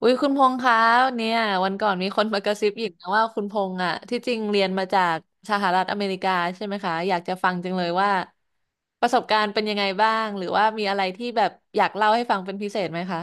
อุ้ยคุณพงษ์คะเนี่ยวันก่อนมีคนมากระซิบอีกนะว่าคุณพงษ์อ่ะที่จริงเรียนมาจากสหรัฐอเมริกาใช่ไหมคะอยากจะฟังจังเลยว่าประสบการณ์เป็นยังไงบ้างหรือว่ามีอะไรที่แบบอยากเล่าให้ฟังเป็นพิเศษไหมคะ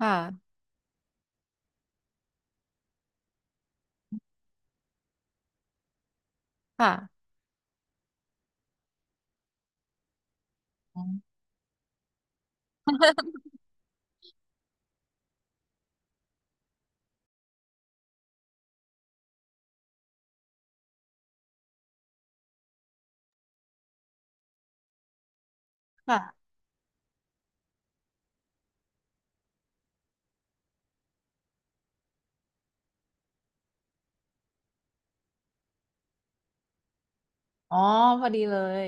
ค่ะค่ะอืมค่ะอ๋อพอดีเลย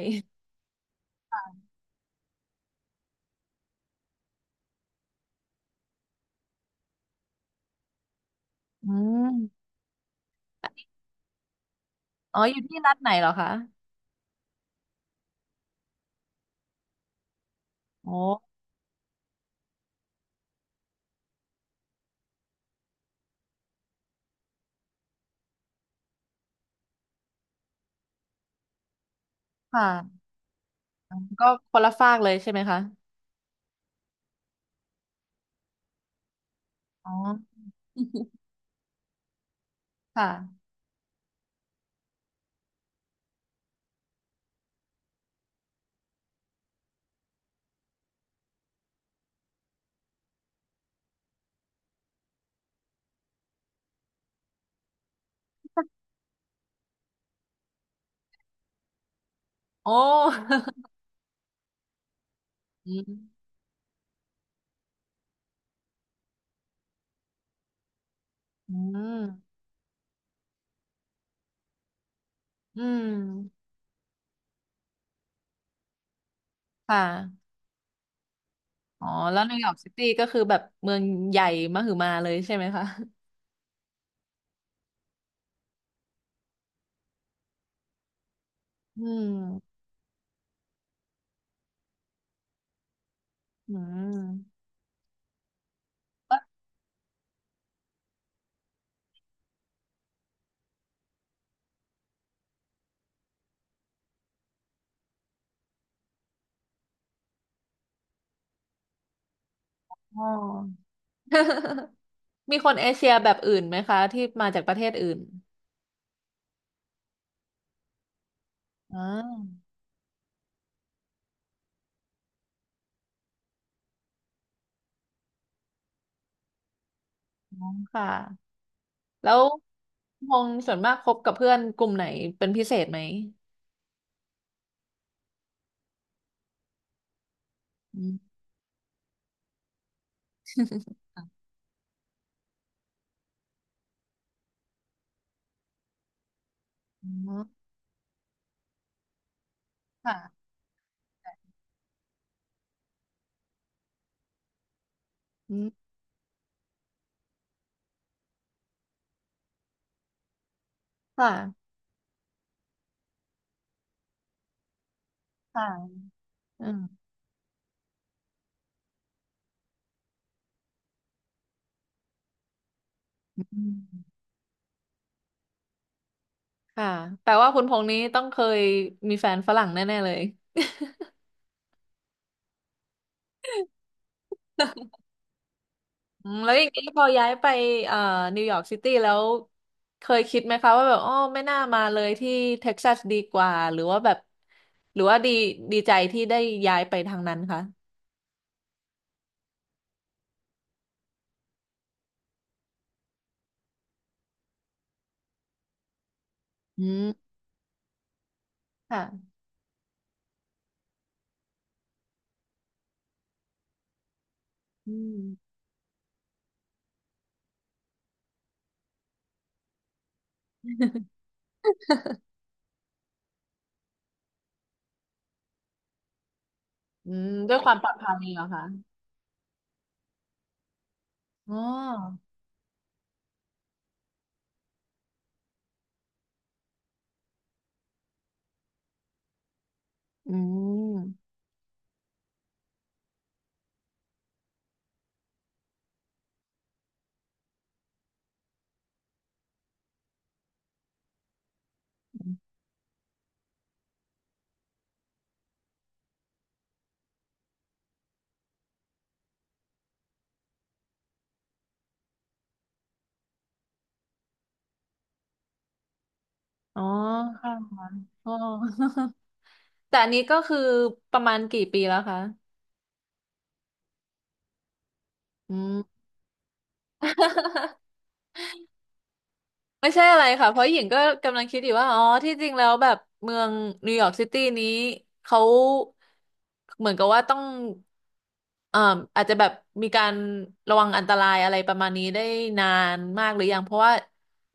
อืมอ๋ออยู่ที่รัฐไหนเหรอคะโอ้ค่ะออก็คนละฝากเลยใช่ไหมคะอ๋อค่ะ โอ้อืมอืมอืมค่ะ อ๋อแล้วนิวยอร์กซิตี้ก็คือแบบเมืองใหญ่มหึมาเลยใช่ไหมคะอืมอืม ก็อ๋อ มีคนเอเชียแบบอื่นไหมคะที่มาจากประเทศอื่นอ่าอ๋อค่ะแล้วพงษ์ส่วนมากคบกับเพื่อนกลุ่มไหนเป็นพิเศษไหมอืม อ๋อค่ะอืมค่ะค่ะอืมอืมค่ะแปลว่าคุณพงษ์นี้ต้องเคยมีแฟนฝรั่งแน่ๆเลย อืมแล้วอย่างนี้พอย้ายไปเอ่อนิวยอร์กซิตี้แล้วเคยคิดไหมคะว่าแบบอ๋อไม่น่ามาเลยที่เท็กซัสดีกว่าหรือว่าแบบหรือว่าดีดีใจที่ได้ย้ายไปทางนั้นคะอืมค่ะอืมอืมด้วยความปลอดภัยเหรอคะอ๋ออืมอ๋อค่ะอ๋อ แต่อันนี้ก็คือประมาณกี่ปีแล้วคะอืม ไม่ใช่อะไรค่ะ เพราะหญิงก็กำลังคิดอยู่ว่า อ๋อ ที่จริงแล้วแบบเมืองนิวยอร์กซิตี้นี้เขาเหมือนกับว่าต้องเอ่ออาจจะแบบมีการระวังอันตรายอะไรประมาณนี้ได้นานมากหรือยังเพราะว่า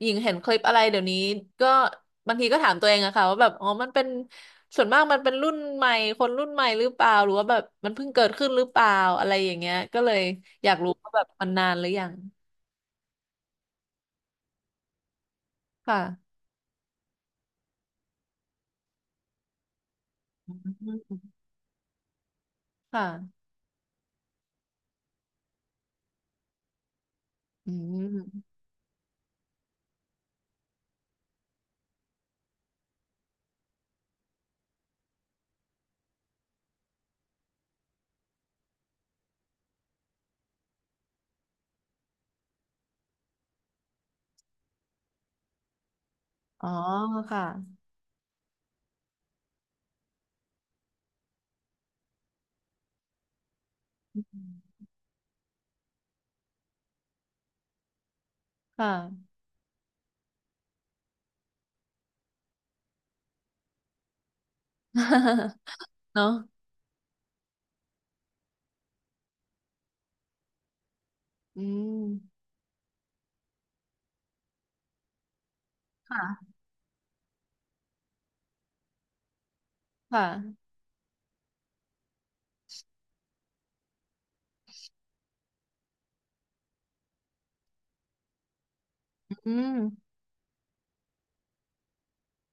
หญิงเห็นคลิปอะไรเดี๋ยวนี้ก็บางทีก็ถามตัวเองอะค่ะว่าแบบอ๋อมันเป็นส่วนมากมันเป็นรุ่นใหม่คนรุ่นใหม่หรือเปล่าหรือว่าแบบมันเพิ่งเกิดขึ้นหรือเปล่าอะไรอย่างเงี้ยก็เลยอยากรู้ว่าแบบมันนานหรือยังค่ะอืมค่ะ อืมอ๋อค่ะอืมค่ะ เนาะอืมค่ะ ค่ะอืม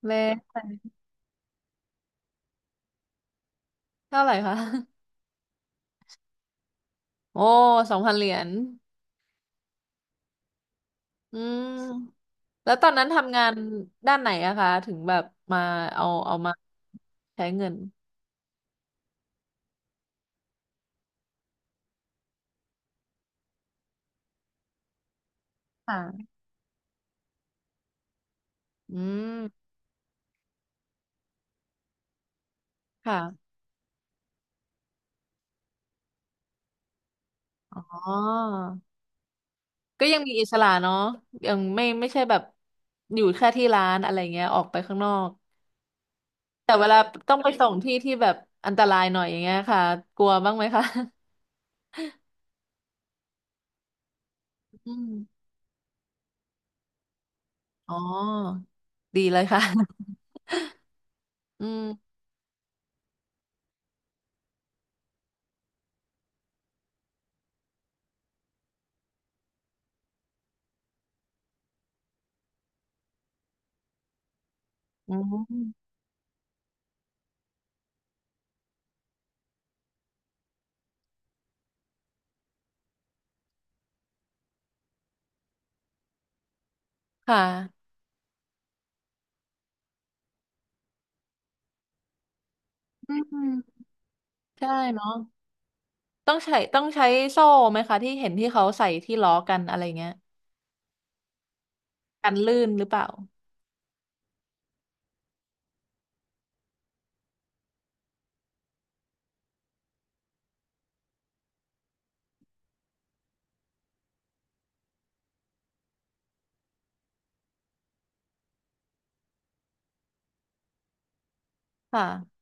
เลทเท่าไหร่คะโอ้$2,000อืมแล้วตอนนั้นทำงานด้านไหนอะคะถึงแบบมาเอามาใช้เงิน ค่ะอืมค่ะ อ๋อ ก็ยังมีอิสระเนาะยังไม่ใช่แบบอยู่แค่ที่ร้านอะไรเงี้ย ออกไปข้างนอก แต่เวลาต้องไปส่งที่ที่แบบอันตรายหน่อยอย่างเงี้ยค่ะกลัวบ้างไหมคะอืมอ๋อดีเลยค่ะอืมอืมค่ะอืมใช่เนาะต้องใช้โซ่ไหมคะที่เห็นที่เขาใส่ที่ล้อกันอะไรเงี้ยกันลื่นหรือเปล่าค่ะ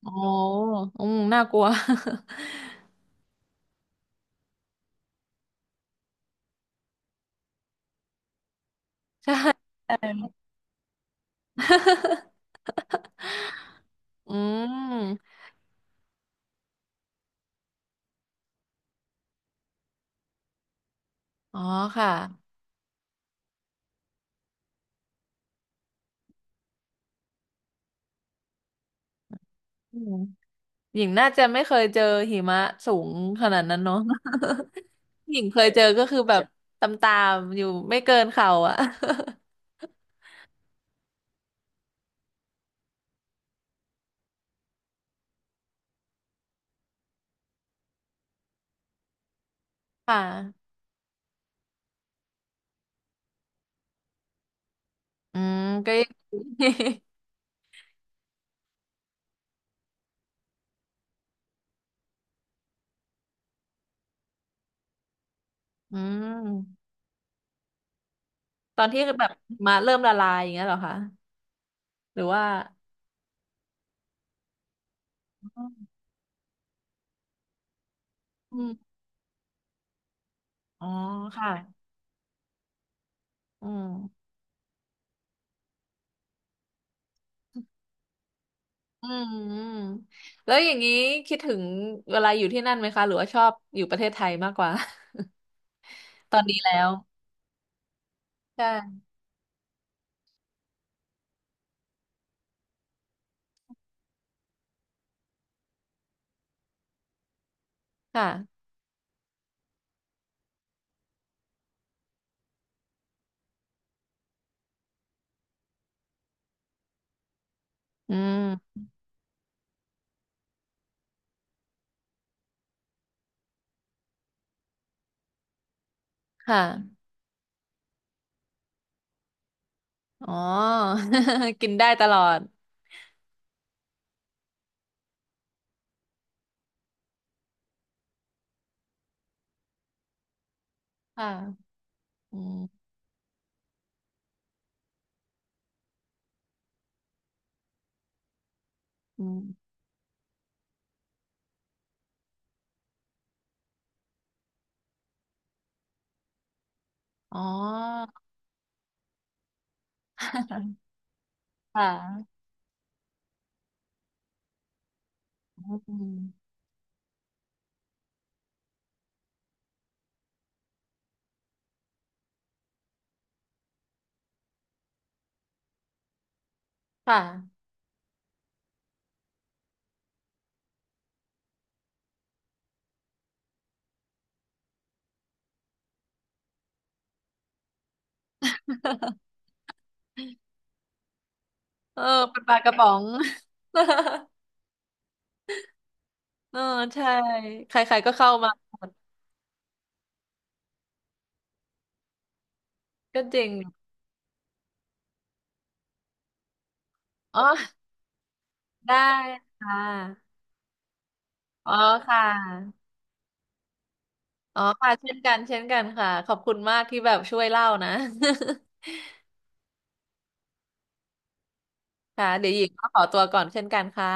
โอ้อืมน่ากลัว ใช่ใช่ อืมอ๋อค่ะอืม หญิงน่าจะไม่เคยเจอหิมะสูงขนาดนั้นเนาะ หญิงเคยเจอก็คือแบบตามอยู่ไม่เกินเข่าอ่ะ ค่ะอืมก็ยัง อืมตอนที่แบบหิมาเริ่มละลายอย่างเงี้ยเหรอคะหรือว่าอืมอมอ๋อค่ะอืมอืมอืมแล้วอย่างนี้คิดถึงเวลาอยู่ที่นั่นไหมคะหรือว่าชอบอยู่ประเทศไทยมากกว่า ตอนนี้แล้วใช่ค่ะอืมค่ะ อ๋อ กินได้ตลอดค่ะอืมอืมอ๋อ ค่ะอืมค่ะเออเป็นปลากระป๋อง เออใช่ ใครๆก็เข้ามาหมดก็จริงอ๋อได้ค่ะอ๋อค่ะอ๋อค่ะเช่นกันเช่นกันค่ะขอบคุณมากที่แบบช่วยเล่านะ ค่ะเดี๋ยวหญิงก็ขอตัวก่อนเช่นกันค่ะ